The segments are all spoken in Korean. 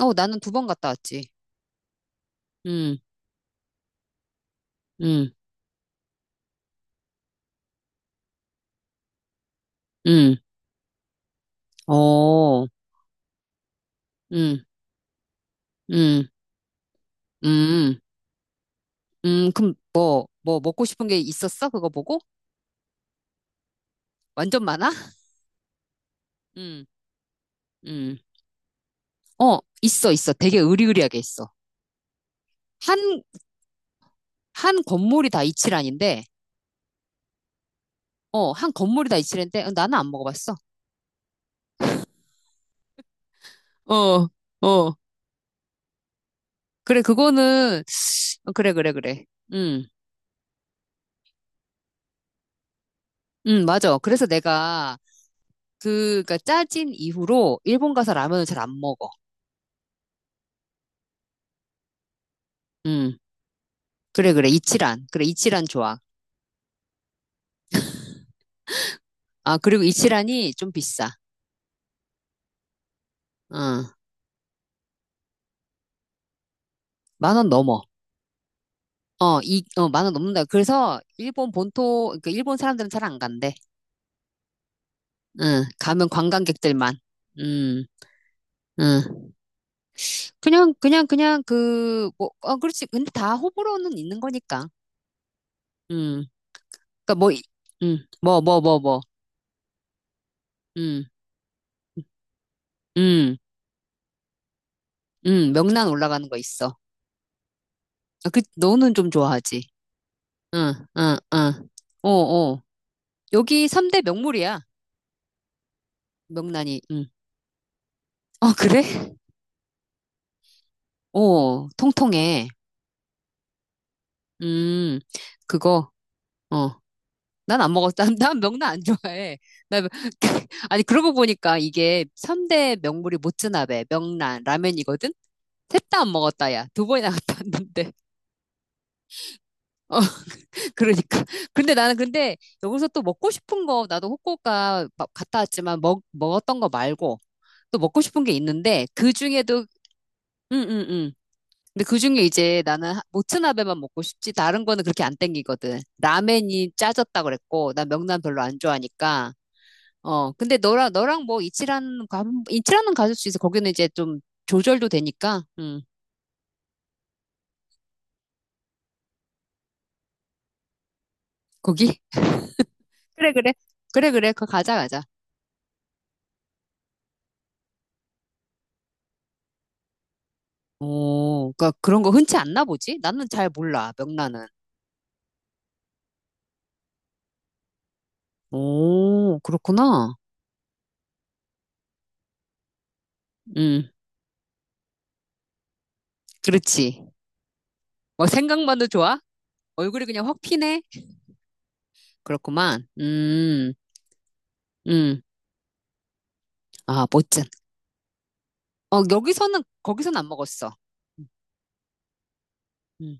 어, 나는 두 번 갔다 왔지. 음, 음, 음, 어, 음, 음, 음, 그럼 뭐 먹고 싶은 게 있었어? 그거 보고? 완전 많아? 음, 음, 어, 있어, 있어. 되게 으리으리하게 있어. 한, 한 건물이 다 이치란인데, 어, 나는 안 먹어봤어. 어, 어. 그래, 그거는, 어, 그래, 그래, 그래. 음, 맞아. 그래서 내가, 그니까 짜진 이후로 일본 가서 라면을 잘 안 먹어. 음. 그래, 그래. 이치란. 그래, 이치란 좋아. 아, 그리고 이치란이 좀 비싸. 어, 만 원 넘어. 어, 만 원 넘는다. 그래서 일본 본토, 그러니까 일본 사람들은 잘 안 간대. 응, 가면 관광객들만. 음, 음. 그냥 뭐, 어, 그렇지. 근데 다 호불호는 있는 거니까. 음, 그니까 뭐, 뭐. 음, 음, 명란 올라가는 거 있어. 아, 그, 너는 좀 좋아하지. 응, 응, 응. 어, 어. 여기 3대 명물이야. 명란이, 응. 아, 그래? 어, 통통해. 음, 그거, 어. 난 안 먹었다. 난난 명란 안 좋아해. 나, 명- 아니, 그러고 보니까 이게 3대 명물이 모츠나베, 명란, 라면이거든? 셋 다 안 먹었다, 야. 두 번이나 갔다 왔는데. 어, 그러니까. 근데 나는 근데 여기서 또 먹고 싶은 거, 나도 후쿠오카 막 갔다 왔지만 먹었던 거 말고 또 먹고 싶은 게 있는데 그 중에도, 응, 응, 응. 근데 그중에 이제 나는 모츠나베만 먹고 싶지 다른 거는 그렇게 안 땡기거든. 라멘이 짜졌다 그랬고 난 명란 별로 안 좋아하니까. 어 근데 너랑 뭐 이치라는 가질 수 있어. 거기는 이제 좀 조절도 되니까. 거기 그래 그래 그래 그래 그 가자 가자. 오 그러니까 그런 거 흔치 않나 보지? 나는 잘 몰라 명란은. 오 그렇구나. 음 그렇지. 뭐 생각만도 좋아? 얼굴이 그냥 확 피네. 그렇구만. 음. 아, 멋진. 어, 여기서는, 거기서는 안 먹었어. 음, 음.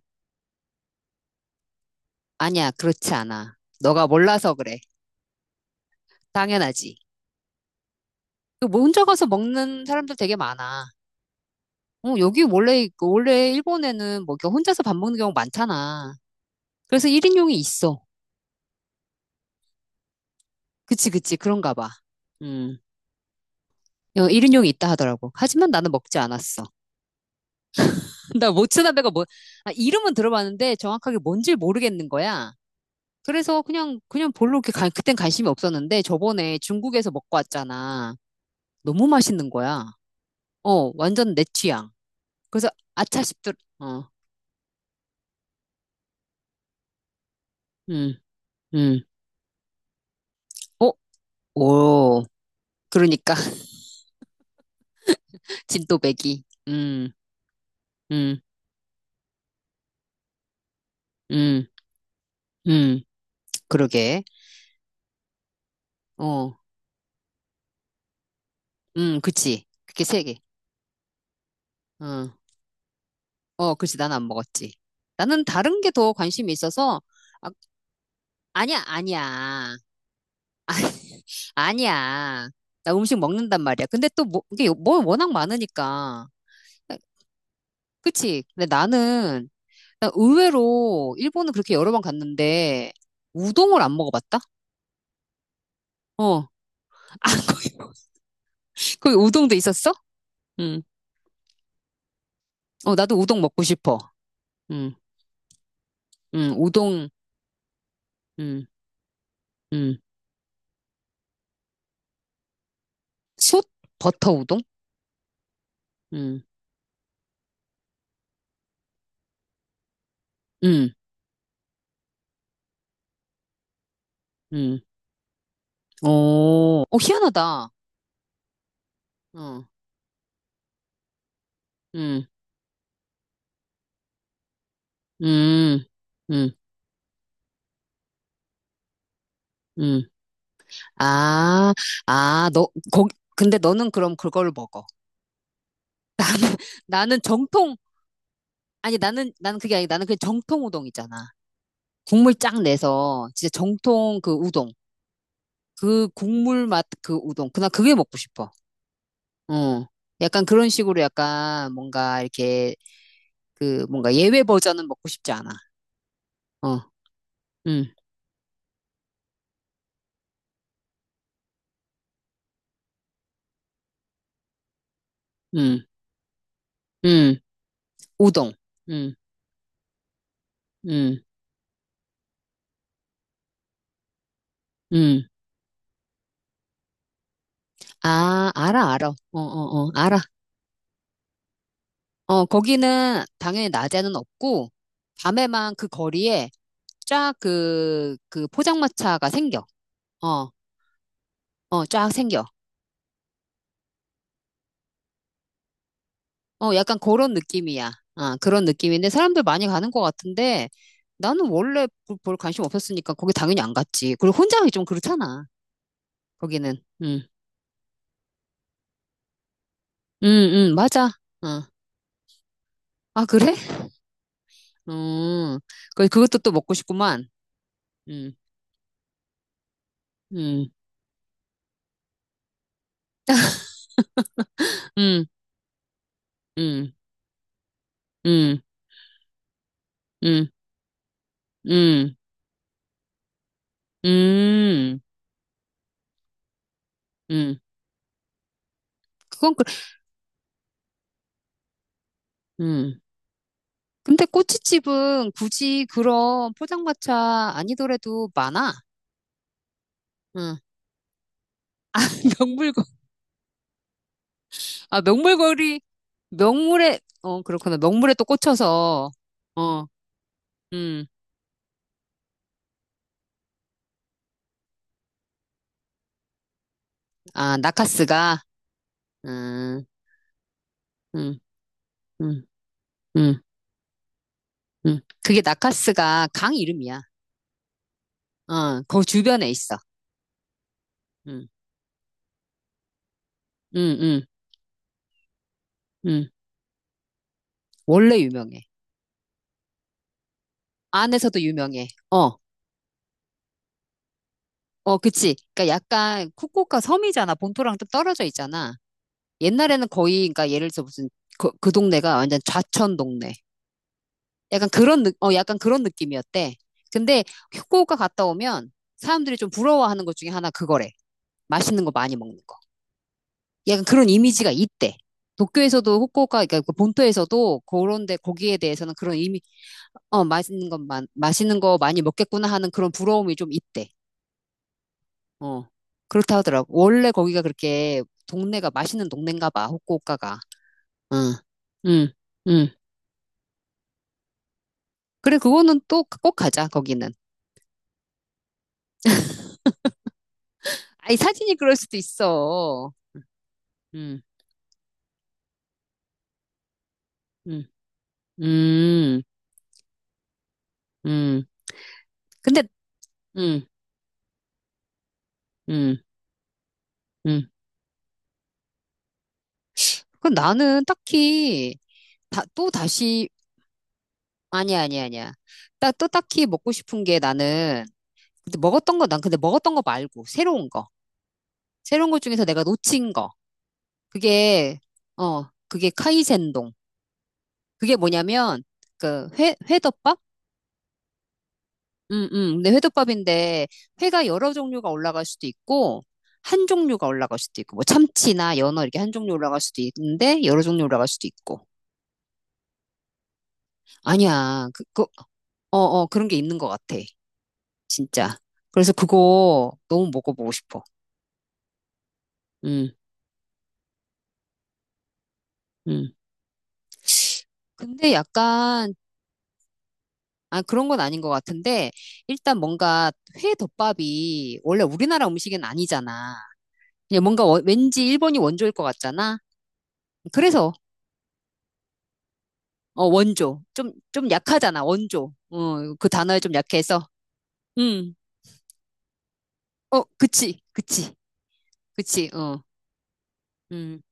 아니야, 그렇지 않아. 너가 몰라서 그래. 당연하지. 그 혼자 가서 먹는 사람들 되게 많아. 어, 여기 원래, 원래 일본에는 뭐 이렇게 혼자서 밥 먹는 경우 많잖아. 그래서 1인용이 있어. 그치, 그치. 그런가 봐. 음. 1인용이 있다 하더라고. 하지만 나는 먹지 않았어. 나 모츠나베가 뭐, 아, 이름은 들어봤는데 정확하게 뭔지 모르겠는 거야. 그래서 그냥 별로 이렇게 그땐 관심이 없었는데 저번에 중국에서 먹고 왔잖아. 너무 맛있는 거야. 어, 완전 내 취향. 그래서 아차 싶더라. 어, 음, 음. 어, 오. 그러니까 진또배기. 음, 음, 음, 음. 그러게. 어, 그치. 그게 세 개. 어, 어, 그치. 난 안 먹었지. 나는 다른 게 더 관심이 있어서 아, 아니야, 아니야, 아니야. 나 음식 먹는단 말이야. 근데 또 뭐, 이게 뭐 워낙 많으니까. 그치. 근데 나는 나 의외로 일본은 그렇게 여러 번 갔는데 우동을 안 먹어봤다? 어. 아, 거기, 거기 우동도 있었어? 응. 어, 나도 우동 먹고 싶어. 응. 응. 우동. 응. 응. 솥 버터 우동? 응. 응. 응. 어. 어, 희한하다. 응. 응. 응. 응. 응. 아. 아, 너 거기 근데 너는 그럼 그걸 먹어. 나는 정통 아니 나는 그게 아니 나는 그냥 정통 우동 이잖아 국물 쫙 내서 진짜 정통 그 우동. 그 국물 맛 그 우동. 그나 그게 먹고 싶어. 어. 약간 그런 식으로 약간 뭔가 이렇게 그 뭔가 예외 버전은 먹고 싶지 않아. 어. 음. 음. 음. 우동. 음. 음. 음. 아, 알아. 어, 어, 어. 알아. 어, 거기는 당연히 낮에는 없고 밤에만 그 거리에 쫙 그 포장마차가 생겨. 어, 어, 쫙 생겨. 어, 약간 그런 느낌이야. 아, 그런 느낌인데 사람들 많이 가는 것 같은데 나는 원래 별 관심 없었으니까 거기 당연히 안 갔지. 그리고 혼자 가기 좀 그렇잖아. 거기는. 응. 응, 응, 맞아. 어. 아, 그래? 음. 그 그것도 또 먹고 싶구만. 응. 응. 응. 응. 응. 응. 응. 응. 응. 그건 그 응. 근데 꼬치집은 굳이 그런 포장마차 아니더라도 많아. 응. 명물 아, 명물거리, 명물에, 어, 그렇구나. 명물에 또 꽂혀서, 어, 음, 아, 나카스가, 음, 음, 음, 음, 그게 나카스가 강 이름이야. 어, 그 주변에 있어. 음, 음, 음, 음. 원래 유명해. 안에서도 유명해. 어, 어, 그치. 그러니까 약간 후쿠오카 섬이잖아. 본토랑 좀 떨어져 있잖아. 옛날에는 거의, 그러니까 예를 들어 무슨, 그 동네가 완전 좌천 동네. 약간 그런, 느, 어, 약간 그런 느낌이었대. 근데 후쿠오카 갔다 오면 사람들이 좀 부러워하는 것 중에 하나 그거래. 맛있는 거 많이 먹는 거. 약간 그런 이미지가 있대. 도쿄에서도 후쿠오카, 그러니까 그 본토에서도 그런데 거기에 대해서는 그런 이미, 어, 맛있는 것, 만, 맛있는 거 많이 먹겠구나 하는 그런 부러움이 좀 있대. 어, 그렇다 하더라고. 원래 거기가 그렇게 동네가 맛있는 동네인가 봐, 후쿠오카가. 응, 응, 응. 그래, 그거는 또 꼭 가자, 거기는. 아니, 사진이 그럴 수도 있어. 음. 음, 음, 음. 근데, 음, 음, 음. 그 나는 딱히, 다, 또 다시, 아니야, 아니야, 아니야. 딱, 또 딱히 먹고 싶은 게 나는, 근데 먹었던 거, 난 근데 먹었던 거 말고, 새로운 거. 새로운 것 중에서 내가 놓친 거. 그게, 어, 그게 카이센동. 그게 뭐냐면, 그, 회, 회덮밥? 근데 회덮밥인데 회가 여러 종류가 올라갈 수도 있고 한 종류가 올라갈 수도 있고 뭐 참치나 연어 이렇게 한 종류 올라갈 수도 있는데 여러 종류 올라갈 수도 있고 아니야 그거 어어 그런 게 있는 것 같아 진짜 그래서 그거 너무 먹어보고 싶어 음, 음. 근데 약간 아 그런 건 아닌 것 같은데 일단 뭔가 회덮밥이 원래 우리나라 음식은 아니잖아 그냥 뭔가 왠지 일본이 원조일 것 같잖아 그래서 어, 원조. 좀, 좀 약하잖아, 원조. 어, 그 단어에 좀 약해서. 음. 어, 그치, 그치, 그치, 어. 음.